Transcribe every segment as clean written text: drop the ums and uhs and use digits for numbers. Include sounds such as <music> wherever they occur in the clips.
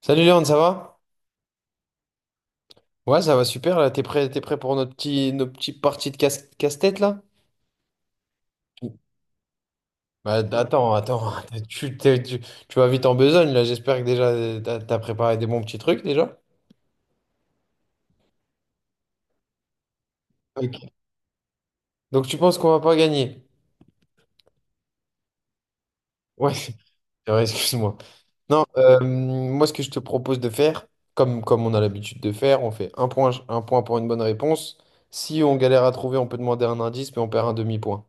Salut Léon, ça va? Ouais, ça va super là. T'es prêt pour nos petites parties de casse, tête là? Bah, attends, attends. <laughs> Tu, t'es- tu, tu vas vite en besogne là. J'espère que déjà t'as préparé des bons petits trucs déjà. Ok. Donc tu penses qu'on va pas gagner? Ouais, <laughs> c'est vrai, excuse-moi. Non, moi ce que je te propose de faire, comme on a l'habitude de faire, on fait un point pour une bonne réponse. Si on galère à trouver, on peut demander un indice, mais on perd un demi-point.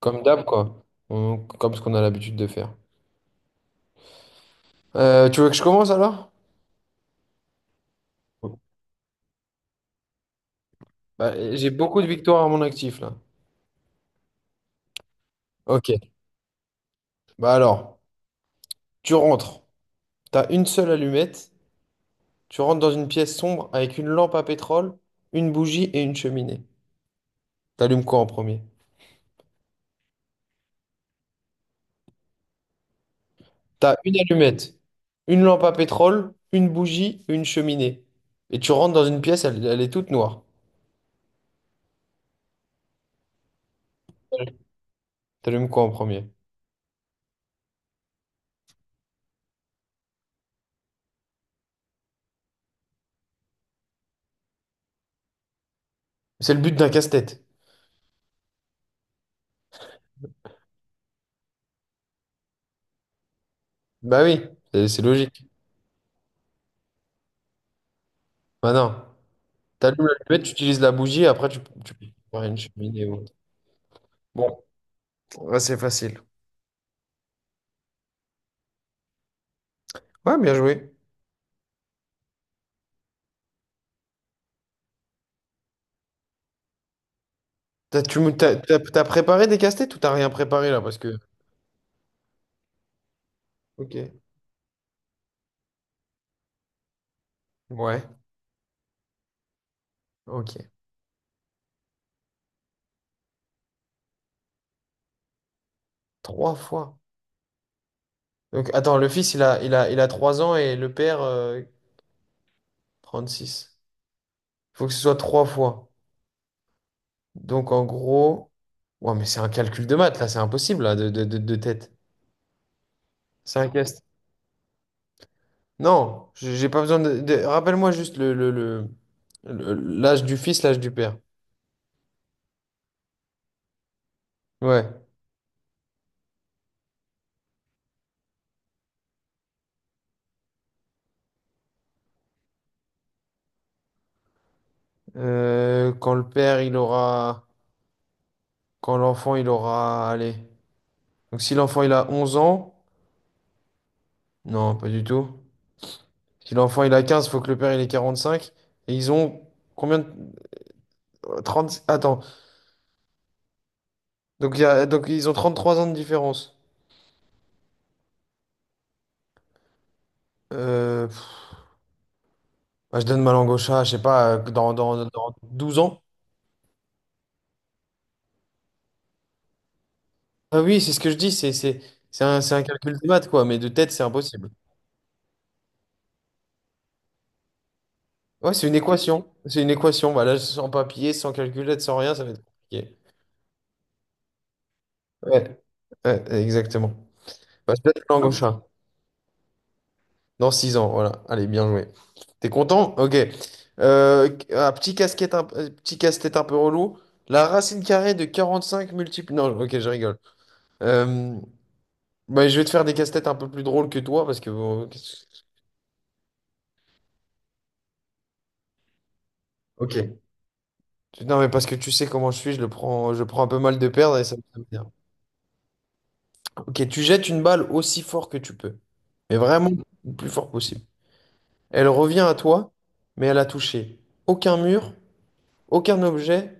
Comme d'hab, quoi. Comme ce qu'on a l'habitude de faire. Tu veux que je commence alors? Ouais. Bah, j'ai beaucoup de victoires à mon actif là. Ok. Bah alors, tu rentres. T'as une seule allumette. Tu rentres dans une pièce sombre avec une lampe à pétrole, une bougie et une cheminée. T'allumes quoi en premier? T'as une allumette, une lampe à pétrole, une bougie une cheminée. Et tu rentres dans une pièce, elle est toute noire. T'allumes quoi en premier? C'est le but d'un casse-tête. Bah oui, c'est logique. Bah non. T'allumes l'allumette, tu utilises la bougie, après tu peux faire une cheminée ou autre. Bon. Ouais, c'est facile. Ouais, bien joué. T'as, tu me- t'as, t'as- t'as préparé des casse-têtes ou t'as rien préparé là? Parce que. Ok. Ouais. Ok. Trois fois. Donc, attends, le fils, il a 3 ans et le père, six. Il faut que ce soit trois fois. Donc, en gros. Ouais, mais c'est un calcul de maths là, c'est impossible là, de tête. C'est un casse. Non, j'ai pas besoin de. Rappelle-moi juste l'âge du fils, l'âge du père. Ouais. Quand le père, il aura. Quand l'enfant, il aura. Allez. Donc si l'enfant, il a 11 ans. Non, pas du tout. Si l'enfant, il a 15, faut que le père, il ait 45. Et ils ont. Combien de. 30. Attends. Donc, il y a. Donc ils ont 33 ans de différence. Pff, bah, je donne ma langue au chat, je sais pas, dans 12 ans. Ah oui, c'est ce que je dis, c'est un calcul de maths, quoi, mais de tête, c'est impossible. Ouais, c'est une équation. C'est une équation, voilà, sans papier, sans calculette, sans rien, ça va être compliqué. Ouais, ouais, exactement. Bah, je donne ma langue au chat. Dans 6 ans, voilà. Allez, bien joué. T'es content? Ok. Un petit casse-tête un peu relou. La racine carrée de 45 multiples. Non, ok, je rigole. Euh, Bah, je vais te faire des casse-têtes un peu plus drôles que toi parce que. Bon. Ok. Non, mais parce que tu sais comment je suis, je prends un peu mal de perdre et ça me fait bien. Ok, tu jettes une balle aussi fort que tu peux, mais vraiment le plus fort possible. Elle revient à toi, mais elle a touché aucun mur, aucun objet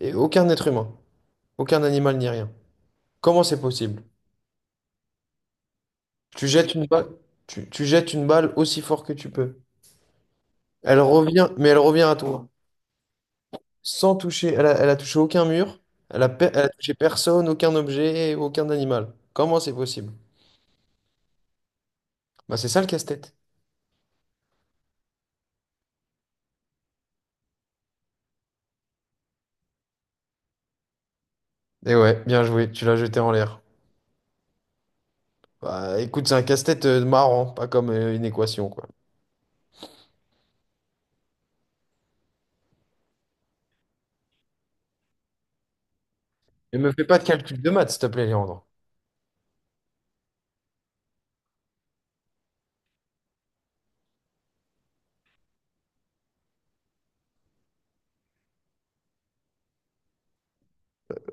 et aucun être humain. Aucun animal ni rien. Comment c'est possible? Tu jettes une balle, tu jettes une balle aussi fort que tu peux. Elle revient, mais elle revient à toi. Sans toucher, elle a touché aucun mur, elle a touché personne, aucun objet, aucun animal. Comment c'est possible? Bah c'est ça le casse-tête. Et ouais, bien joué, tu l'as jeté en l'air. Bah écoute, c'est un casse-tête marrant, pas comme une équation, quoi. Ne me fais pas de calcul de maths, s'il te plaît, Léandre.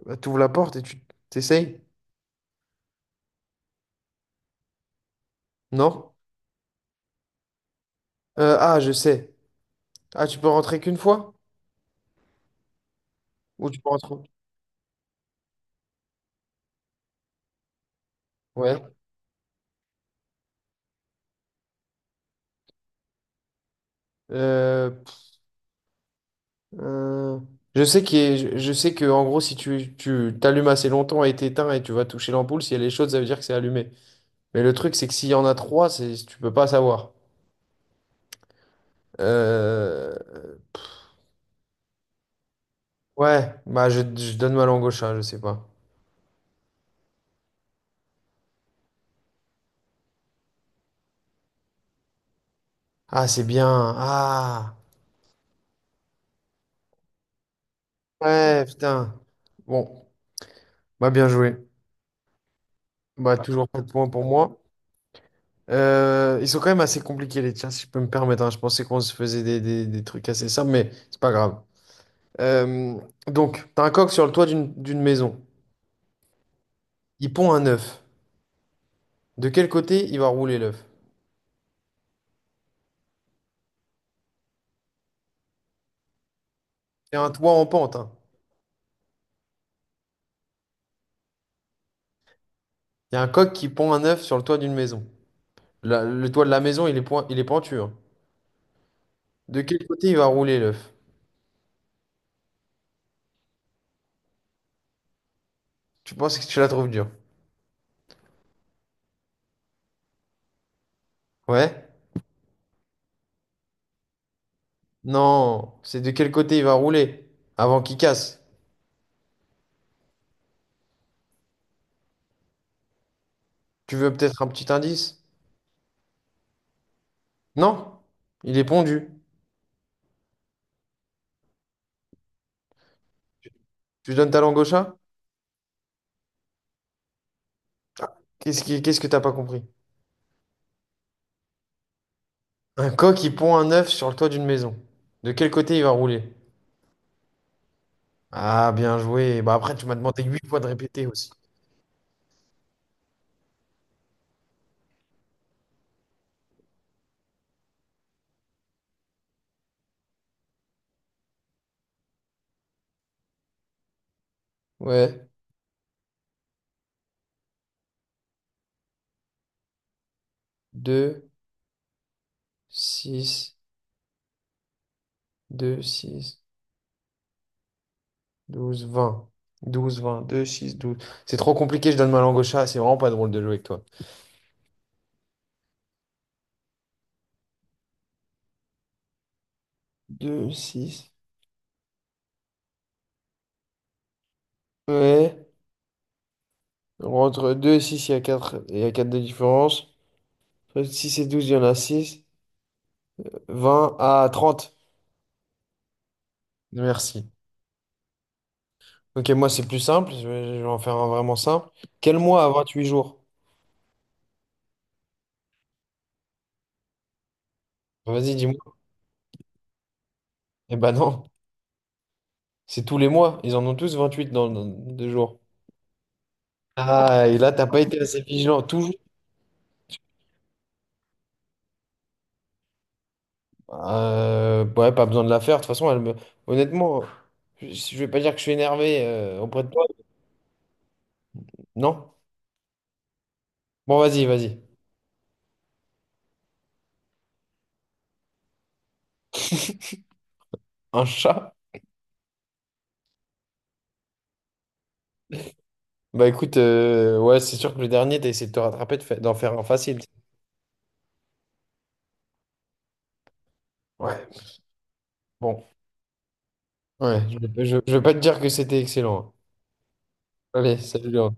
Bah, t'ouvres la porte et tu t'essayes? Non? Ah, je sais. Ah, tu peux rentrer qu'une fois? Ou tu peux rentrer? Ouais. Euh, euh, je sais que en gros si tu t'allumes assez longtemps et t'éteins et tu vas toucher l'ampoule, si elle est chaude ça veut dire que c'est allumé. Mais le truc, c'est que s'il y en a trois, c'est tu peux pas savoir. Euh, ouais bah je donne ma langue au chat, je sais pas. Ah, c'est bien. Ah, ouais, putain. Bon, bah, bien joué. Bah, toujours pas de points pour moi. Ils sont quand même assez compliqués les tiens, si je peux me permettre, hein. Je pensais qu'on se faisait des trucs assez simples, mais c'est pas grave. Euh, donc, t'as un coq sur le toit d'une maison. Il pond un œuf. De quel côté il va rouler l'œuf? C'est un toit en pente, hein. Il y a un coq qui pond un œuf sur le toit d'une maison. Le toit de la maison, il est pentu, hein. De quel côté il va rouler l'œuf? Tu penses que tu la trouves dure? Ouais? Non, c'est de quel côté il va rouler avant qu'il casse. Tu veux peut-être un petit indice? Non? Il est pondu. Tu donnes ta langue au chat? Ah, qu'est-ce que t'as pas compris? Un coq qui pond un œuf sur le toit d'une maison. De quel côté il va rouler? Ah, bien joué. Bah, après, tu m'as demandé 8 fois de répéter aussi. Ouais, deux six deux six douze vingt douze vingt deux six douze. C'est trop compliqué, je donne ma langue au chat, c'est vraiment pas drôle de jouer avec toi. Deux six. Ouais, entre deux et 6, il y a quatre de différence. Entre 6 et 12 il y en a 6. 20 à 30. Merci. Ok, moi c'est plus simple, je vais en faire un vraiment simple. Quel mois a 8 jours? Vas-y, dis-moi. Eh ben non. C'est tous les mois. Ils en ont tous 28 dans 2 jours. Ah, et là, t'as pas été assez vigilant. Toujours. Ouais, pas besoin de la faire. De toute façon, elle me. Honnêtement, je vais pas dire que je suis énervé auprès de toi. Non? Bon, vas-y, vas-y. Un chat? Bah écoute, ouais, c'est sûr que le dernier, t'as essayé de te rattraper, d'en faire un facile. Ouais, bon. Ouais, je vais pas te dire que c'était excellent, hein. Allez, salut, Léon.